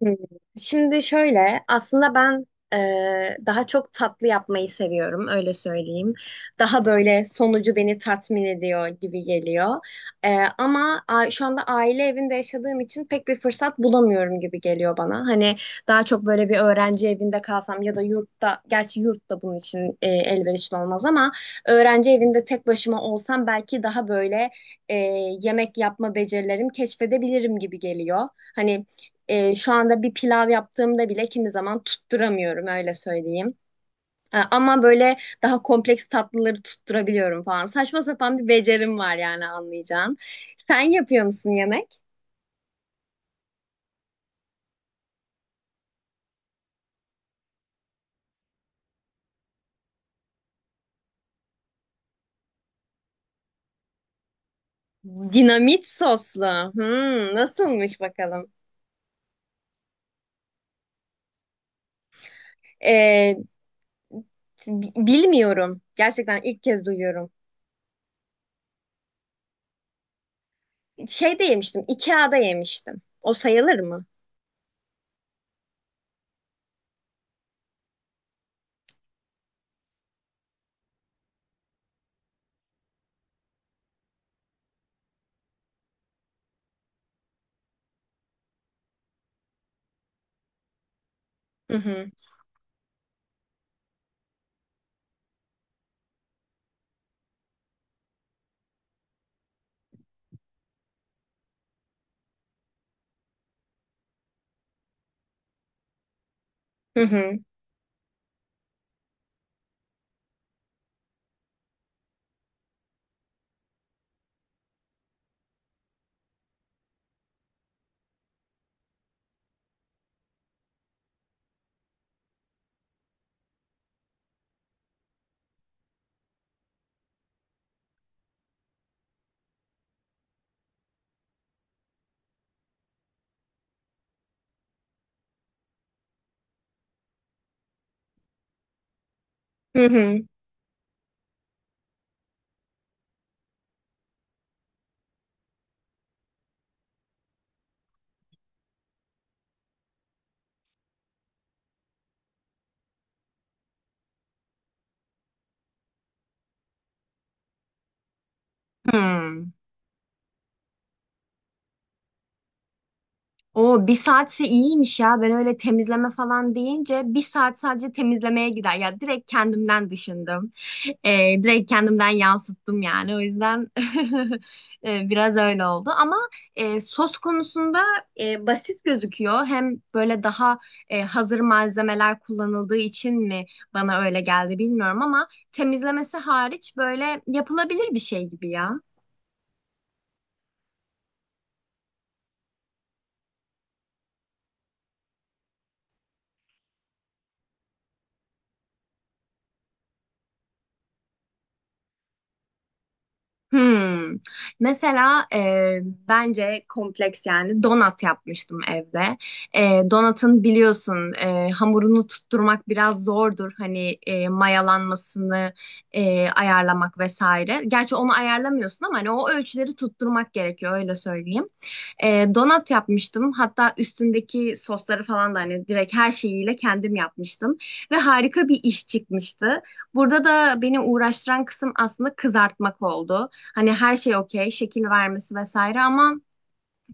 Hmm. Şimdi şöyle, aslında ben daha çok tatlı yapmayı seviyorum, öyle söyleyeyim. Daha böyle sonucu beni tatmin ediyor gibi geliyor. Şu anda aile evinde yaşadığım için pek bir fırsat bulamıyorum gibi geliyor bana. Hani daha çok böyle bir öğrenci evinde kalsam ya da yurtta, gerçi yurt da bunun için elverişli olmaz ama öğrenci evinde tek başıma olsam belki daha böyle e, yemek yapma becerilerimi keşfedebilirim gibi geliyor. Hani şu anda bir pilav yaptığımda bile kimi zaman tutturamıyorum öyle söyleyeyim. E, ama böyle daha kompleks tatlıları tutturabiliyorum falan. Saçma sapan bir becerim var yani anlayacağın. Sen yapıyor musun yemek? Dinamit soslu. Hmm, nasılmış bakalım? Ee, Bilmiyorum. Gerçekten ilk kez duyuyorum. Şeyde yemiştim. IKEA'da yemiştim. O sayılır mı? Hı hı. Hı hı. Hı hı. Hmm. O bir saatse iyiymiş ya. Ben öyle temizleme falan deyince bir saat sadece temizlemeye gider. Ya direkt kendimden düşündüm. Direkt kendimden yansıttım yani. O yüzden biraz öyle oldu. Ama sos konusunda basit gözüküyor. Hem böyle daha hazır malzemeler kullanıldığı için mi bana öyle geldi bilmiyorum ama temizlemesi hariç böyle yapılabilir bir şey gibi ya. Hmm. Mesela bence kompleks yani donat yapmıştım evde. Donatın biliyorsun hamurunu tutturmak biraz zordur. Hani mayalanmasını ayarlamak vesaire. Gerçi onu ayarlamıyorsun ama hani o ölçüleri tutturmak gerekiyor öyle söyleyeyim. Donat yapmıştım. Hatta üstündeki sosları falan da hani direkt her şeyiyle kendim yapmıştım. Ve harika bir iş çıkmıştı. Burada da beni uğraştıran kısım aslında kızartmak oldu. Hani her şey okey, şekil vermesi vesaire ama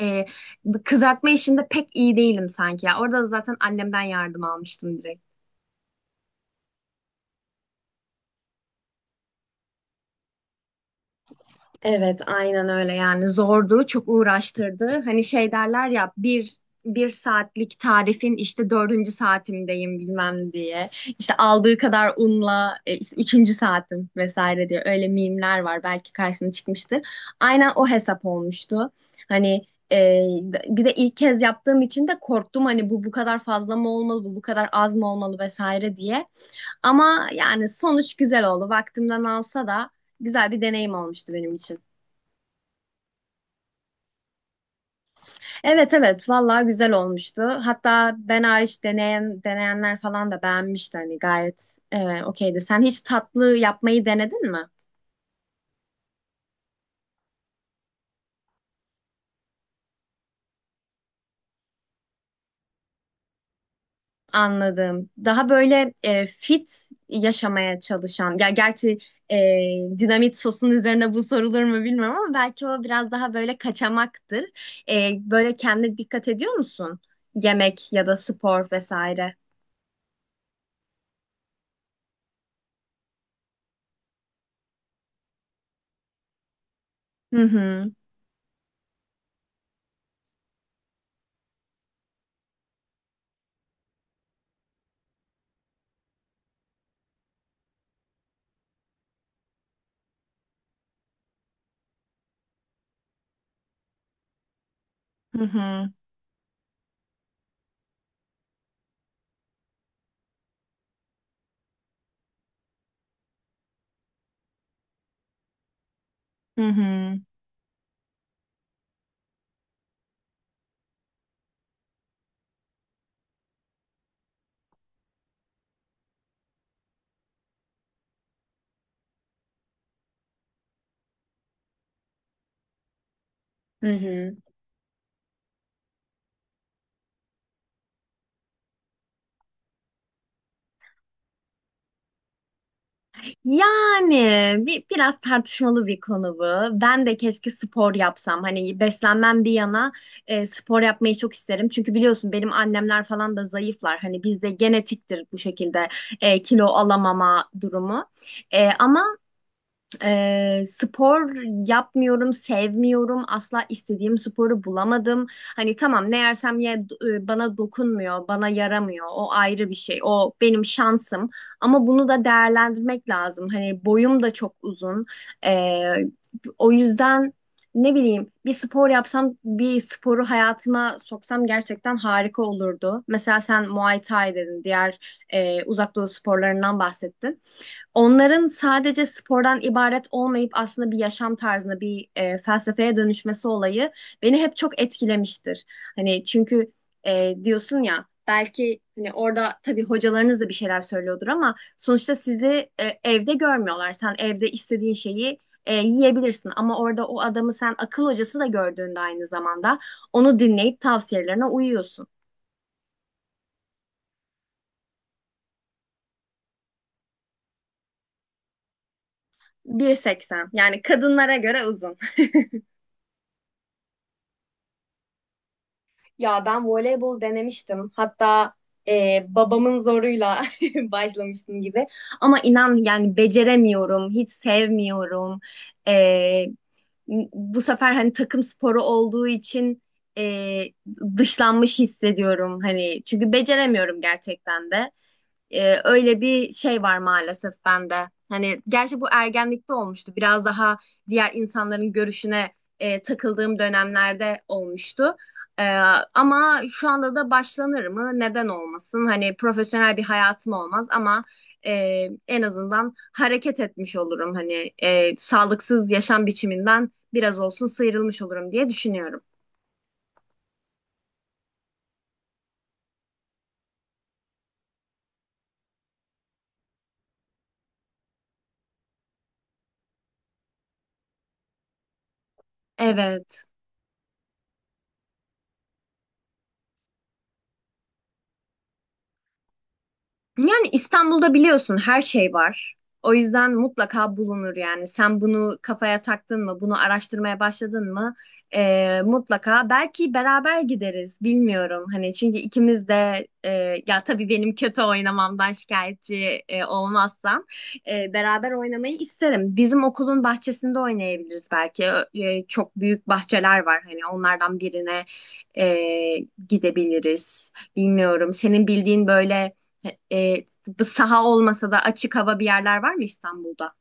e, kızartma işinde pek iyi değilim sanki ya. Orada da zaten annemden yardım almıştım direkt. Evet, aynen öyle yani zordu, çok uğraştırdı. Hani şey derler ya bir saatlik tarifin işte dördüncü saatimdeyim bilmem diye. İşte aldığı kadar unla işte üçüncü saatim vesaire diye öyle mimler var belki karşısına çıkmıştır. Aynen o hesap olmuştu. Hani e, bir de ilk kez yaptığım için de korktum hani bu kadar fazla mı olmalı, bu kadar az mı olmalı vesaire diye. Ama yani sonuç güzel oldu. Vaktimden alsa da güzel bir deneyim olmuştu benim için. Evet, evet, vallahi güzel olmuştu. Hatta ben hariç deneyenler falan da beğenmişti hani gayet okeydi. Sen hiç tatlı yapmayı denedin mi? Anladım. Daha böyle fit yaşamaya çalışan ya gerçi e, dinamit sosun üzerine bu sorulur mu bilmiyorum ama belki o biraz daha böyle kaçamaktır. Böyle kendine dikkat ediyor musun? Yemek ya da spor vesaire. Hı hı. Hı hı. Hı hı. Hı hı. Yani biraz tartışmalı bir konu bu. Ben de keşke spor yapsam. Hani beslenmem bir yana spor yapmayı çok isterim. Çünkü biliyorsun benim annemler falan da zayıflar. Hani bizde genetiktir bu şekilde kilo alamama durumu. E, ama Spor yapmıyorum, sevmiyorum. Asla istediğim sporu bulamadım. Hani tamam ne yersem ye bana dokunmuyor, bana yaramıyor. O ayrı bir şey. O benim şansım. Ama bunu da değerlendirmek lazım. Hani boyum da çok uzun. Ee, O yüzden ne bileyim bir spor yapsam, bir sporu hayatıma soksam gerçekten harika olurdu. Mesela sen Muay Thai dedin, diğer uzak doğu sporlarından bahsettin. Onların sadece spordan ibaret olmayıp aslında bir yaşam tarzına, bir felsefeye dönüşmesi olayı beni hep çok etkilemiştir. Hani çünkü diyorsun ya belki hani orada tabii hocalarınız da bir şeyler söylüyordur ama sonuçta sizi evde görmüyorlar. Sen evde istediğin şeyi yiyebilirsin ama orada o adamı sen akıl hocası da gördüğünde aynı zamanda onu dinleyip tavsiyelerine uyuyorsun. 1.80, yani kadınlara göre uzun. Ya ben voleybol denemiştim. Hatta babamın zoruyla başlamıştım gibi. Ama inan yani beceremiyorum, hiç sevmiyorum. E, Bu sefer hani takım sporu olduğu için e, dışlanmış hissediyorum hani çünkü beceremiyorum gerçekten de. Öyle bir şey var maalesef bende. Hani gerçi bu ergenlikte olmuştu. Biraz daha diğer insanların görüşüne takıldığım dönemlerde olmuştu. Ee, Ama şu anda da başlanır mı? Neden olmasın? Hani profesyonel bir hayatım olmaz ama e, en azından hareket etmiş olurum. Hani sağlıksız yaşam biçiminden biraz olsun sıyrılmış olurum diye düşünüyorum. Evet. Yani İstanbul'da biliyorsun her şey var. O yüzden mutlaka bulunur yani. Sen bunu kafaya taktın mı, bunu araştırmaya başladın mı? Mutlaka. Belki beraber gideriz, bilmiyorum. Hani çünkü ikimiz de ya tabii benim kötü oynamamdan şikayetçi olmazsan beraber oynamayı isterim. Bizim okulun bahçesinde oynayabiliriz belki. Çok büyük bahçeler var. Hani onlardan birine e, gidebiliriz. Bilmiyorum. Senin bildiğin böyle. E, Bu saha olmasa da açık hava bir yerler var mı İstanbul'da?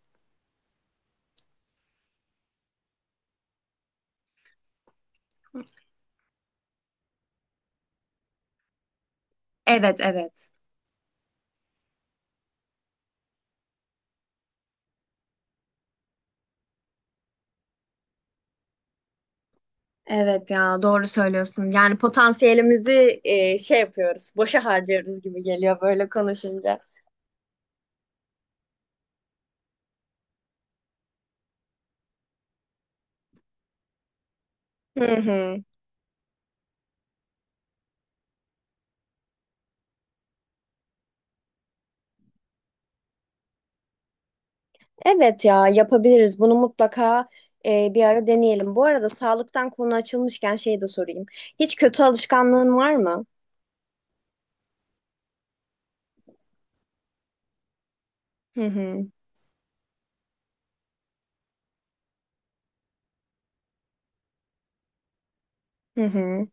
Evet, evet. Evet ya, doğru söylüyorsun. Yani potansiyelimizi şey yapıyoruz, boşa harcıyoruz gibi geliyor böyle konuşunca. Hı hı. Evet ya, yapabiliriz. Bunu mutlaka bir ara deneyelim. Bu arada sağlıktan konu açılmışken şey de sorayım. Hiç kötü alışkanlığın var mı? Hı hı. Hı hı.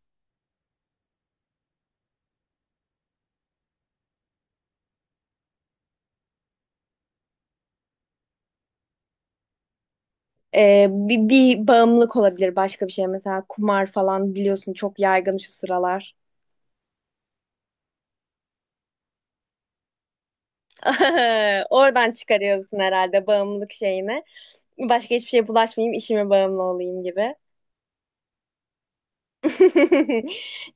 Bir bağımlılık olabilir başka bir şey. Mesela kumar falan biliyorsun çok yaygın şu sıralar. Oradan çıkarıyorsun herhalde bağımlılık şeyini. Başka hiçbir şeye bulaşmayayım, işime bağımlı olayım gibi.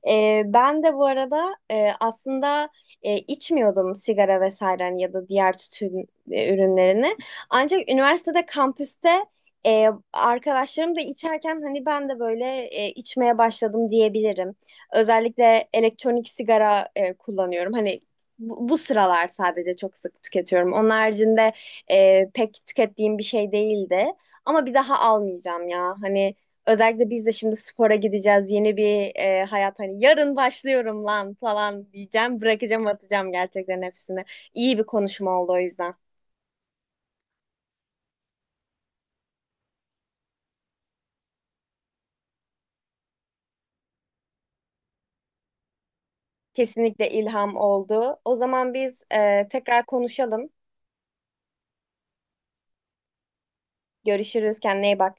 Ben de bu arada aslında içmiyordum sigara vesaire hani ya da diğer tütün ürünlerini. Ancak üniversitede kampüste arkadaşlarım da içerken hani ben de böyle içmeye başladım diyebilirim. Özellikle elektronik sigara kullanıyorum. Hani bu sıralar sadece çok sık tüketiyorum. Onun haricinde pek tükettiğim bir şey değildi. Ama bir daha almayacağım ya. Hani özellikle biz de şimdi spora gideceğiz. Yeni bir hayat hani yarın başlıyorum lan falan diyeceğim. Bırakacağım, atacağım gerçekten hepsini. İyi bir konuşma oldu o yüzden. Kesinlikle ilham oldu. O zaman biz tekrar konuşalım. Görüşürüz. Kendine iyi bak.